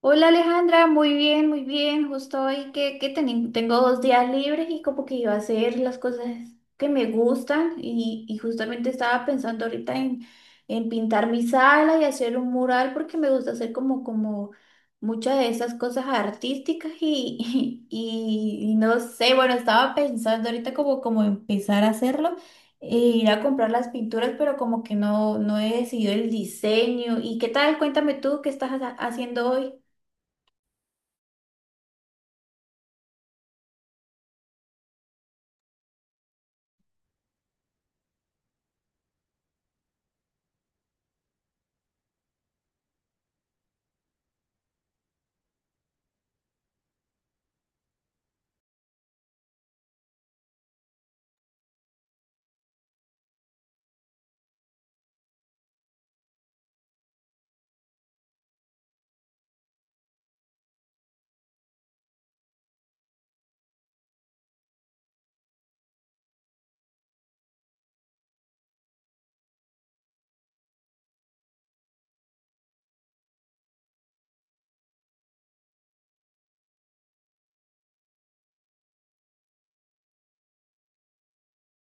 Hola Alejandra, muy bien, muy bien. Justo hoy que tengo dos días libres y como que iba a hacer las cosas que me gustan y justamente estaba pensando ahorita en pintar mi sala y hacer un mural porque me gusta hacer como muchas de esas cosas artísticas y, y no sé, bueno, estaba pensando ahorita como empezar a hacerlo. E ir a comprar las pinturas, pero como que no he decidido el diseño. ¿Y qué tal? Cuéntame tú, ¿qué estás haciendo hoy?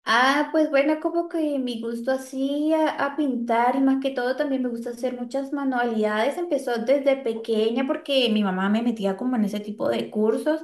Ah, pues bueno, como que mi gusto así a pintar y más que todo también me gusta hacer muchas manualidades. Empezó desde pequeña porque mi mamá me metía como en ese tipo de cursos,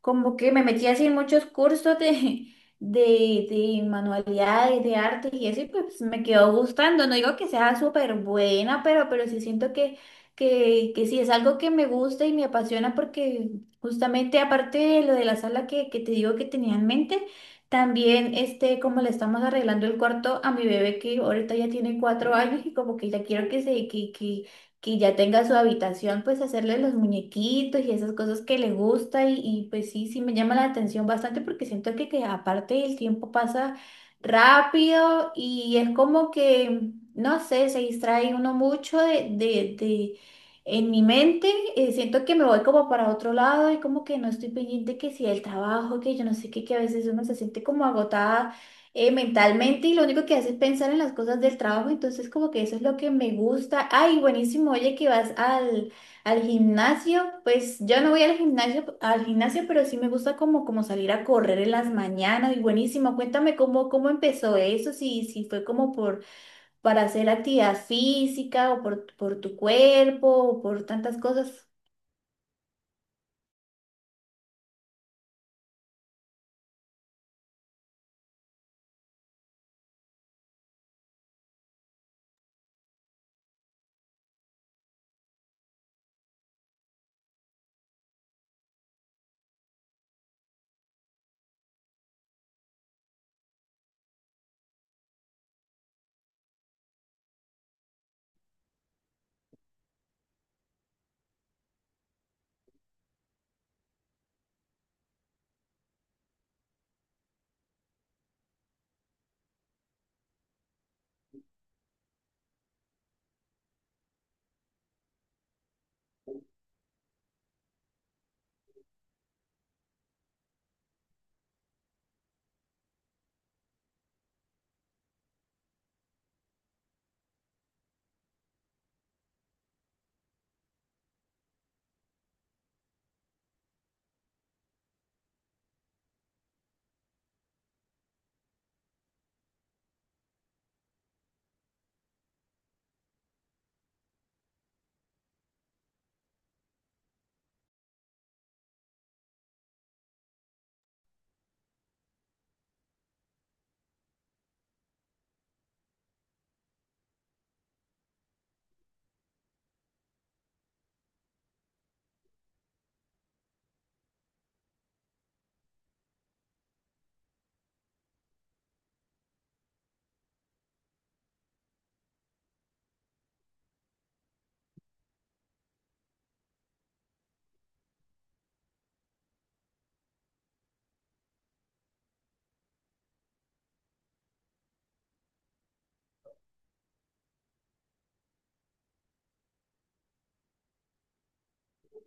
como que me metía así en muchos cursos de de manualidades, de arte y eso, y pues me quedó gustando. No digo que sea súper buena, pero sí siento que sí es algo que me gusta y me apasiona porque justamente aparte de lo de la sala que te digo que tenía en mente. También, este, como le estamos arreglando el cuarto a mi bebé que ahorita ya tiene 4 años y como que ya quiero que se, que ya tenga su habitación, pues hacerle los muñequitos y esas cosas que le gusta y, pues sí, sí me llama la atención bastante porque siento que aparte el tiempo pasa rápido y es como que, no sé, se distrae uno mucho de en mi mente siento que me voy como para otro lado y como que no estoy pendiente que si el trabajo, que yo no sé qué, que a veces uno se siente como agotada mentalmente y lo único que hace es pensar en las cosas del trabajo, entonces como que eso es lo que me gusta. Ay, buenísimo, oye, que vas al gimnasio, pues yo no voy al gimnasio, pero sí me gusta como salir a correr en las mañanas y buenísimo, cuéntame cómo empezó eso, si fue como por para hacer actividad física o por tu cuerpo o por tantas cosas.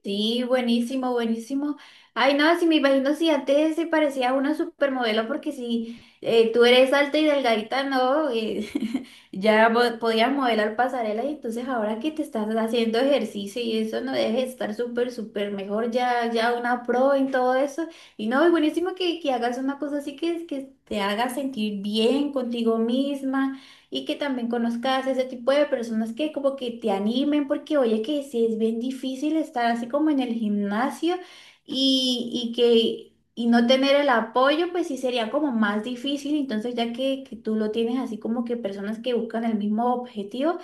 Sí, buenísimo, buenísimo. Ay, no, si me imagino si antes se parecía a una supermodelo, porque si tú eres alta y delgadita, no, ya podías modelar pasarelas y entonces ahora que te estás haciendo ejercicio y eso, no dejes de estar súper, súper mejor, ya, ya una pro en todo eso. Y no, es buenísimo que hagas una cosa así que te haga sentir bien contigo misma y que también conozcas ese tipo de personas que como que te animen, porque oye que sí es bien difícil estar así como en el gimnasio y, y que y no tener el apoyo, pues sí sería como más difícil. Entonces, ya que tú lo tienes así como que personas que buscan el mismo objetivo,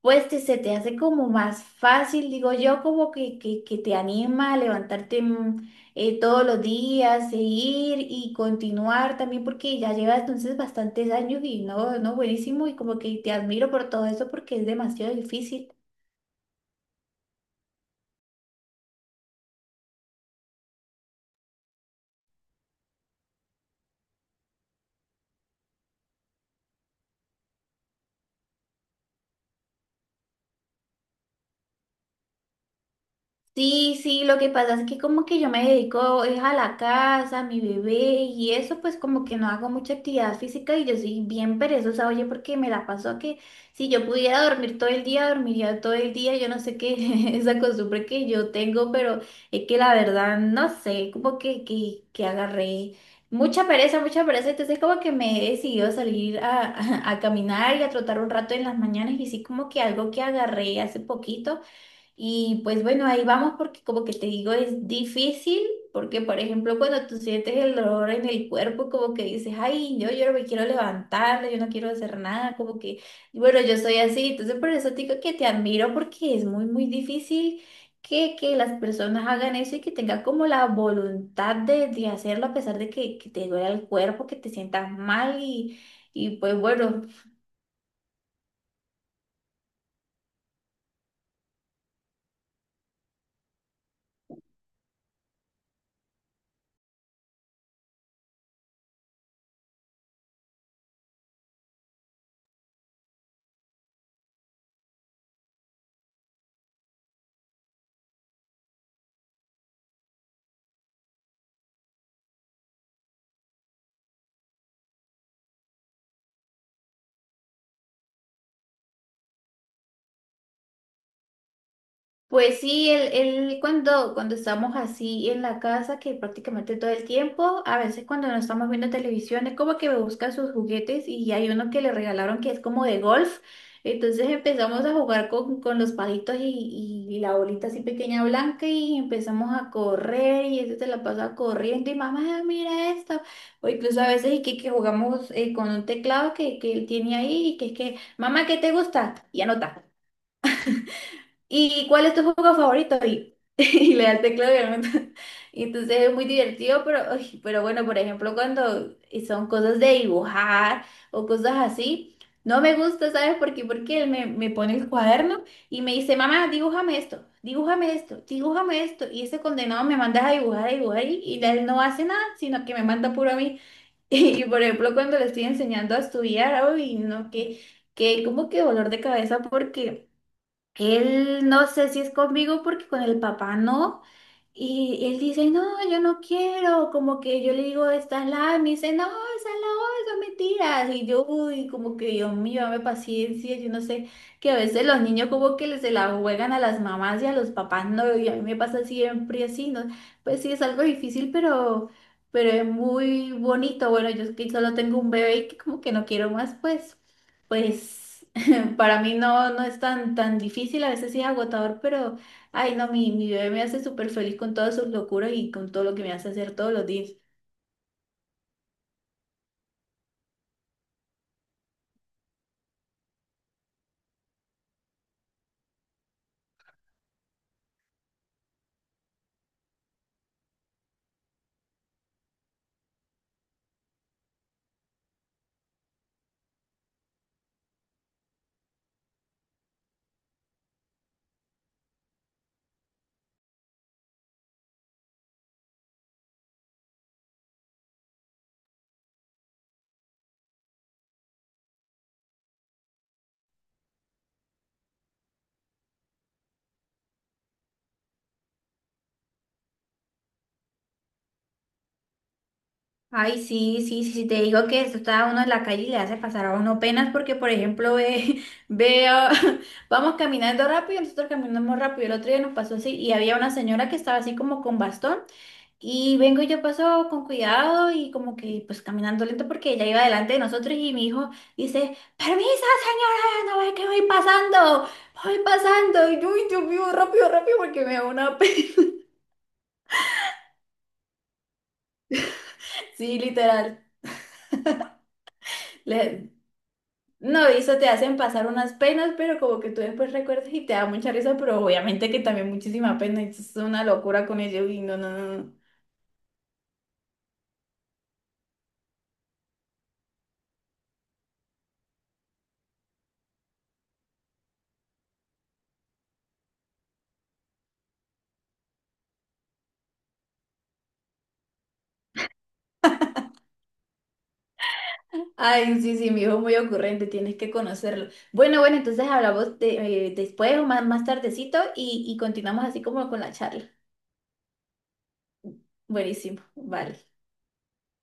pues se te hace como más fácil, digo yo, como que te anima a levantarte todos los días, seguir y continuar también, porque ya llevas entonces bastantes años y no, buenísimo, y como que te admiro por todo eso porque es demasiado difícil. Sí, sí, lo que pasa es que como que yo me dedico es a la casa, a mi bebé y eso, pues como que no hago mucha actividad física y yo soy bien perezosa, oye, porque me la paso que si yo pudiera dormir todo el día, dormiría todo el día, yo no sé qué esa costumbre que yo tengo, pero es que la verdad no sé, como que agarré mucha pereza, entonces como que me he decidido salir a, a caminar y a trotar un rato en las mañanas y sí como que algo que agarré hace poquito. Y pues bueno, ahí vamos porque como que te digo, es difícil porque, por ejemplo, cuando tú sientes el dolor en el cuerpo, como que dices, ay, yo no me quiero levantar, yo no quiero hacer nada, como que, y bueno, yo soy así, entonces por eso te digo que te admiro porque es muy, muy difícil que las personas hagan eso y que tengan como la voluntad de hacerlo a pesar de que te duela el cuerpo, que te sientas mal y pues bueno. Pues sí, él cuando estamos así en la casa, que prácticamente todo el tiempo, a veces cuando no estamos viendo televisión, es como que me busca sus juguetes y hay uno que le regalaron que es como de golf. Entonces empezamos a jugar con los palitos y la bolita así pequeña blanca y empezamos a correr y ese se la pasa corriendo y mamá, mira esto. O incluso a veces y que jugamos con un teclado que él tiene ahí y que es que, mamá, ¿qué te gusta? Y anota. ¿Y cuál es tu juego favorito? Y, y le da el teclado y el. Y entonces es muy divertido, pero, ay, pero bueno, por ejemplo, cuando son cosas de dibujar o cosas así, no me gusta, ¿sabes por qué? Porque me pone el cuaderno y me dice, mamá, dibújame esto, dibújame esto, dibújame esto. Y ese condenado me manda a dibujar y él no hace nada, sino que me manda puro a mí. Y, por ejemplo, cuando le estoy enseñando a estudiar, ay, no, que como que dolor de cabeza porque... Él no sé si es conmigo porque con el papá no. Y él dice, no, yo no quiero. Como que yo le digo, esta es la A. Y me dice, no, esa es la O, eso es mentiras. Y yo, uy, como que Dios mío, dame paciencia. Yo no sé, que a veces los niños como que se la juegan a las mamás y a los papás no. Y a mí me pasa siempre así, ¿no? Pues sí, es algo difícil, pero es muy bonito. Bueno, yo es que solo tengo un bebé y que como que no quiero más, pues, pues. Para mí no, no es tan difícil, a veces sí es agotador, pero ay no, mi bebé me hace súper feliz con todas sus locuras y con todo lo que me hace hacer todos los días. Ay, sí, sí, sí, sí, te digo que esto está uno en la calle y le hace pasar a uno penas porque, por ejemplo, ve, veo, vamos caminando rápido, nosotros caminamos rápido, el otro día nos pasó así y había una señora que estaba así como con bastón. Y vengo y yo paso con cuidado y como que pues caminando lento porque ella iba delante de nosotros y mi hijo dice, permisa señora, no ve que voy pasando, voy pasando. Y yo, "Uy, Dios mío, rápido, rápido porque me da una pena." Sí, literal. Le-. No, y eso te hacen pasar unas penas, pero como que tú después recuerdas y te da mucha risa, pero obviamente que también muchísima pena. Y es una locura con ello y no, no, no, no. Ay, sí, sí, mi hijo es muy ocurrente, tienes que conocerlo. Bueno, bueno, entonces hablamos después o más, más tardecito y continuamos así como con la charla. Buenísimo, vale.